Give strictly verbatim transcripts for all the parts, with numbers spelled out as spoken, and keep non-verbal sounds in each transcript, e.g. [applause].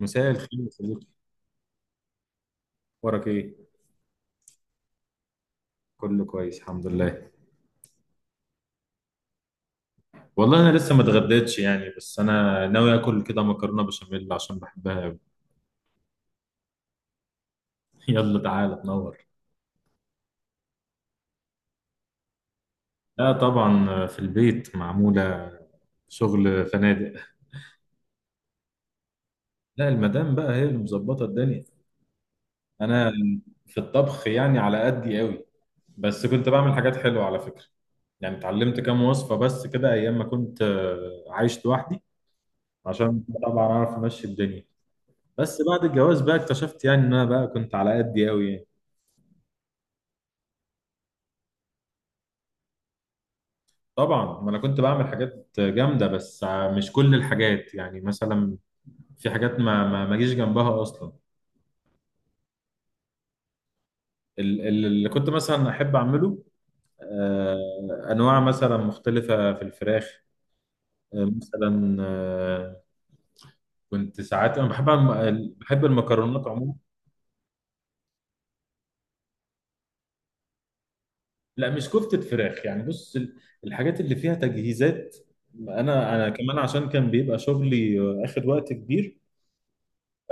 مساء الخير يا صديقي. اخبارك ايه؟ كله كويس الحمد لله. والله انا لسه ما اتغديتش يعني، بس انا ناوي اكل كده مكرونه بشاميل عشان بحبها أوي. [laughs] يلا تعالى تنور. لا طبعا في البيت معموله، شغل فنادق. لا المدام بقى هي اللي مظبطه الدنيا. انا في الطبخ يعني على قدي قوي، بس كنت بعمل حاجات حلوه على فكره. يعني اتعلمت كام وصفه بس كده ايام ما كنت آه، عايش لوحدي، عشان طبعا اعرف امشي الدنيا. بس بعد الجواز بقى اكتشفت يعني ان انا بقى كنت على قدي قوي يعني. طبعا ما انا كنت بعمل حاجات جامده، بس مش كل الحاجات. يعني مثلا في حاجات ما ما ما جيش جنبها اصلا. ال- ال- اللي كنت مثلا احب اعمله، آه، انواع مثلا مختلفه في الفراخ، آه، مثلا آه، كنت ساعات انا بحب أعمل- بحب المكرونات عموما. لا مش كفتة فراخ، يعني بص، ال- الحاجات اللي فيها تجهيزات، انا انا كمان عشان كان بيبقى شغلي آه، اخد وقت كبير.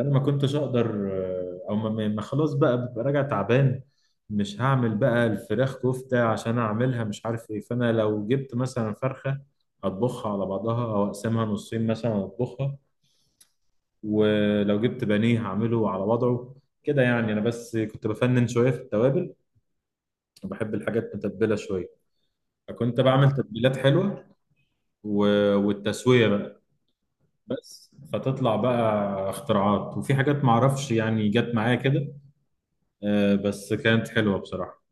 انا ما كنتش اقدر، آه، او ما ما- ما خلاص بقى ببقى راجع تعبان، مش هعمل بقى الفراخ كفتة عشان اعملها مش عارف ايه. فانا لو جبت مثلا فرخة اطبخها على بعضها او اقسمها نصين مثلا اطبخها، ولو جبت بانيه هعمله على وضعه كده. يعني انا بس كنت بفنن شوية في التوابل، وبحب الحاجات متبلة شوية، فكنت بعمل تتبيلات حلوة و- والتسوية بقى. بس فتطلع بقى اختراعات، وفي حاجات معرفش يعني جت معايا كده، آه، بس كانت حلوه بصراحه.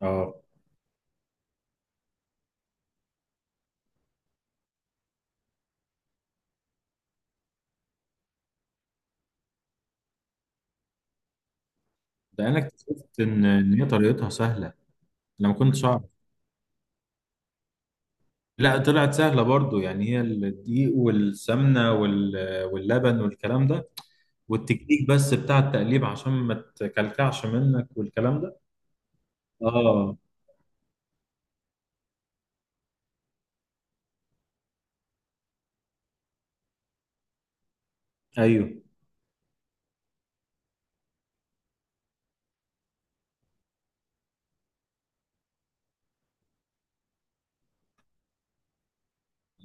اه، ده انا اكتشفت ان ان هي طريقتها سهله، انا ما كنتش اعرف. لا طلعت سهله برضو، يعني هي الدقيق والسمنه وال... واللبن والكلام ده، والتكنيك بس بتاع التقليب عشان ما تكلكعش منك والكلام ده. اه، ايوه،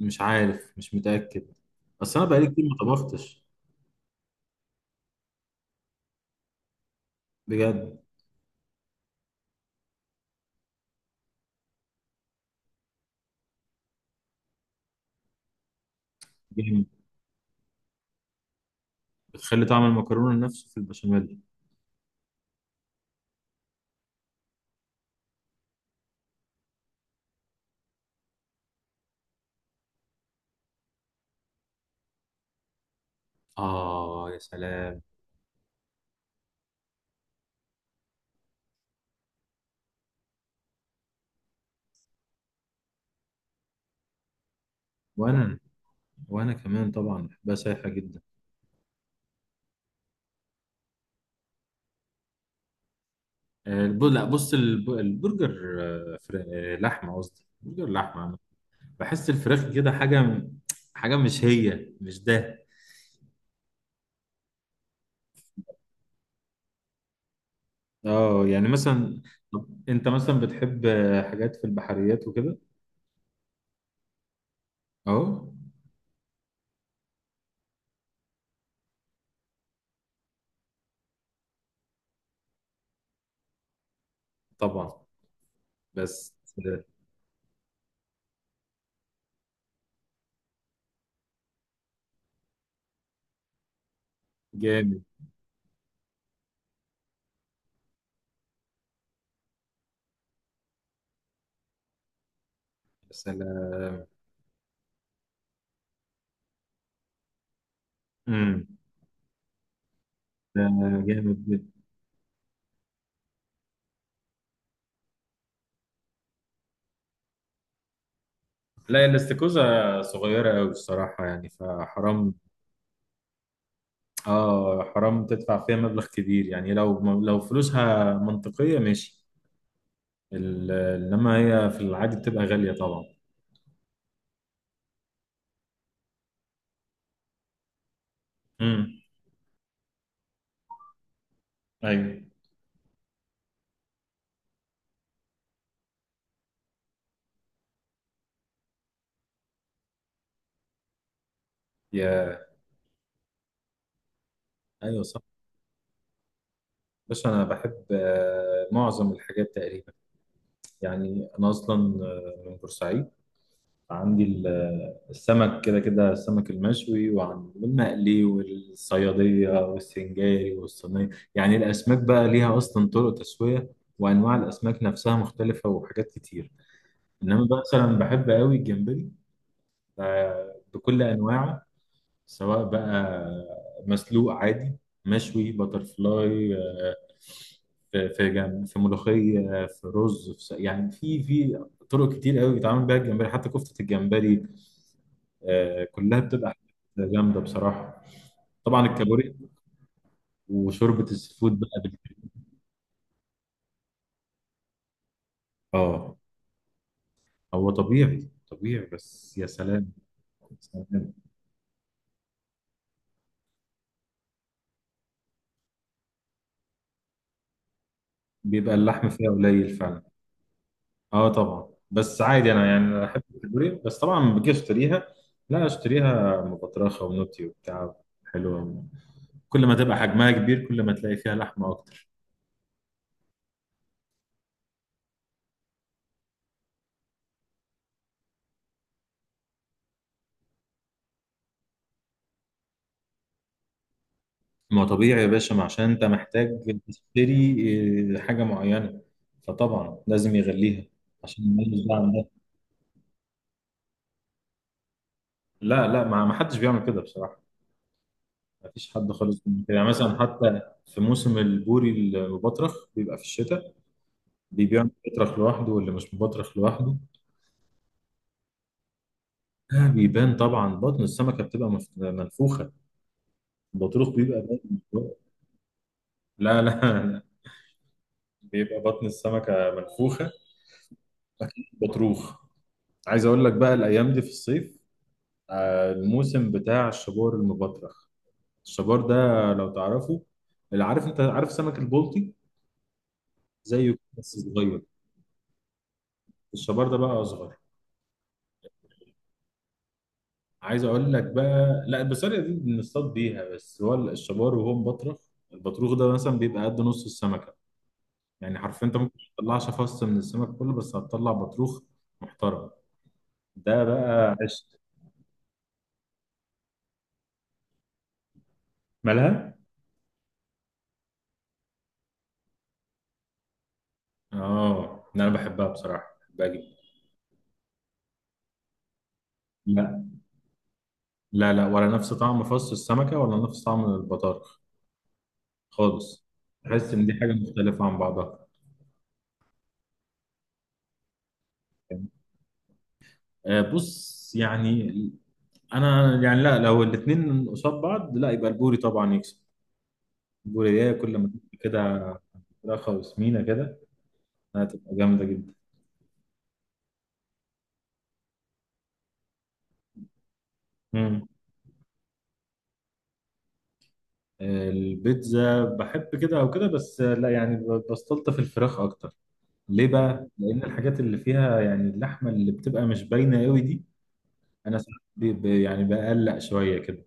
مش عارف، مش متاكد، بس انا بقالي كتير ما طبختش. بجد. جامد، بتخلي طعم المكرونه نفسه في البشاميل. اه يا سلام. وانا، وانا كمان طبعا بحبها سايحه جدا. آه، الب- لا بص، الب- البرجر آه، فر- آه، لحمة قصدي برجر لحمة عامة. بحس الفراخ كده حاجة، حاجة مش هي، مش ده. اه يعني مثلا، طب انت مثلا بتحب آه، حاجات في البحريات وكده؟ اه، طبعا. بس آه، جامد. يا سلام. امم. ده جامد جدا. لا الاستيكوزا صغيرة قوي الصراحة، يعني فحرام. اه، حرام تدفع فيها مبلغ كبير، يعني لو لو فلوسها منطقية ماشي. ال- انما هي في العادي بتبقى غاليه طبعا. امم. ايوه يا ايوه صح. بس انا بحب آه، معظم الحاجات تقريبا. يعني انا اصلا آه، من بورسعيد، عندي ال- آه، السمك كده كده، السمك المشوي وعن- والمقلي والصياديه والسنجاري والصينيه. يعني الاسماك بقى ليها اصلا طرق تسويه، وانواع الاسماك نفسها مختلفه وحاجات كتير. انما بقى مثلا بحب قوي الجمبري، آه، بكل انواعه، سواء بقى مسلوق عادي، مشوي بترفلاي، آه، في في جم... في ملوخية، في رز، في س... يعني في في طرق كتير قوي بيتعمل بيها الجمبري، حتى كفتة الجمبري. آه، كلها بتبقى حاجات جامدة بصراحة. طبعا الكابوريا، وشوربة السفود بقى بالكريم. اه، هو طبيعي طبيعي، بس يا سلام. يا سلام. بيبقى اللحم فيها قليل فعلا. اه طبعا، بس عادي. انا يعني انا احب الكابوريا، بس طبعا لما باجي اشتريها لا اشتريها مبطرخه ونوتي وبتاع، حلوه. كل ما تبقى حجمها كبير كل ما تلاقي فيها لحمه اكتر. ما هو طبيعي يا باشا، ما عشان انت محتاج تشتري آه، حاجه معينه، فطبعا لازم يغليها عشان يميز ده عن ده. لا لا، ما ما حدش بيعمل كده بصراحه، ما فيش حد خالص بيعمل كده. يعني مثلا حتى في موسم البوري المبطرخ بيبقى في الشتاء، اللي بيبيع مبطرخ لوحده واللي مش مبطرخ لوحده. لا بيبان طبعا، بطن السمكة بتبقى مف- منفوخة، البطروخ بيبقى باين من جوه. لا لا لا، بيبقى بطن السمكة منفوخة، بطروخ. عايز اقول لك بقى الايام دي في الصيف آه، الموسم بتاع الشبار المبطرخ. الشبار ده لو تعرفه، اللي عارف، انت عارف سمك البلطي؟ زيه كده بس صغير. الشبار ده بقى اصغر. عايز اقول لك بقى، لا البسارية دي بنصطاد بيها، بس هو الشبار وهو مبطرخ. البطروخ ده مثلا بيبقى قد نص السمكة، يعني حرفيا انت ممكن ما تطلعش فص من السمك كله، بس هتطلع بطروخ محترم. ده بقى عشت. مالها؟ اه، إن انا بحبها بصراحه، بحبها جدا. لا لا لا، ولا نفس طعم فص السمكه ولا نفس طعم البطارخ خالص، تحس ان دي حاجه مختلفه عن بعضها. آه بص يعني، انا يعني، لا لو الاثنين قصاد بعض لا يبقى البوري طبعا يكسب. البوري ده كل ما تبقى كده فراخه وسمينه كده هتبقى جامده جدا. البيتزا بحب كده او كده، بس لا يعني ب- بستلطف الفراخ اكتر، ليه بقى؟ لان الحاجات اللي فيها يعني اللحمه اللي بتبقى مش باينه قوي دي، انا ساعات بي- بي- يعني بقلق شويه كده.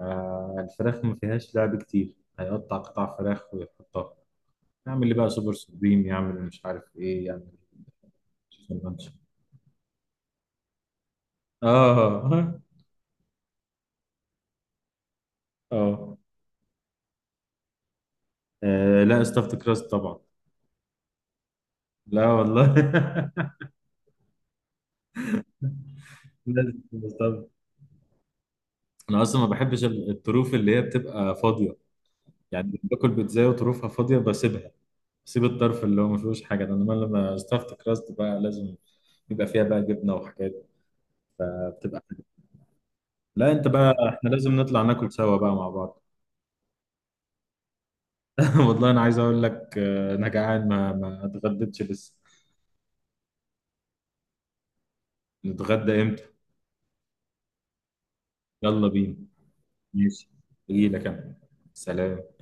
آه، الفراخ ما فيهاش لعب كتير، هيقطع قطع فراخ ويحطها، يعمل لي بقى سوبر سوبريم، يعمل مش عارف ايه، يعمل تشيكن رانش. اه [laughs] اه. آه، لا استفت كراست طبعا. لا والله [laughs] لازم stuffed. انا اصلا ما بحبش ال- الطروف اللي هي بتبقى فاضيه، يعني باكل بيتزا وطروفها فاضيه بسيبها، بسيب الطرف اللي هو ما فيهوش حاجه ده. انما لما ستافت كراست بقى لازم يبقى فيها بقى جبنه وحاجات، بقى بتبقى. لا انت بقى احنا لازم نطلع ناكل سوا بقى مع بعض. [laughs] والله انا عايز اقول لك آه، انا جعان، ما ما اتغديتش لسه. نتغدى امتى؟ يلا بينا. ماشي، اجي لك انا. سلام.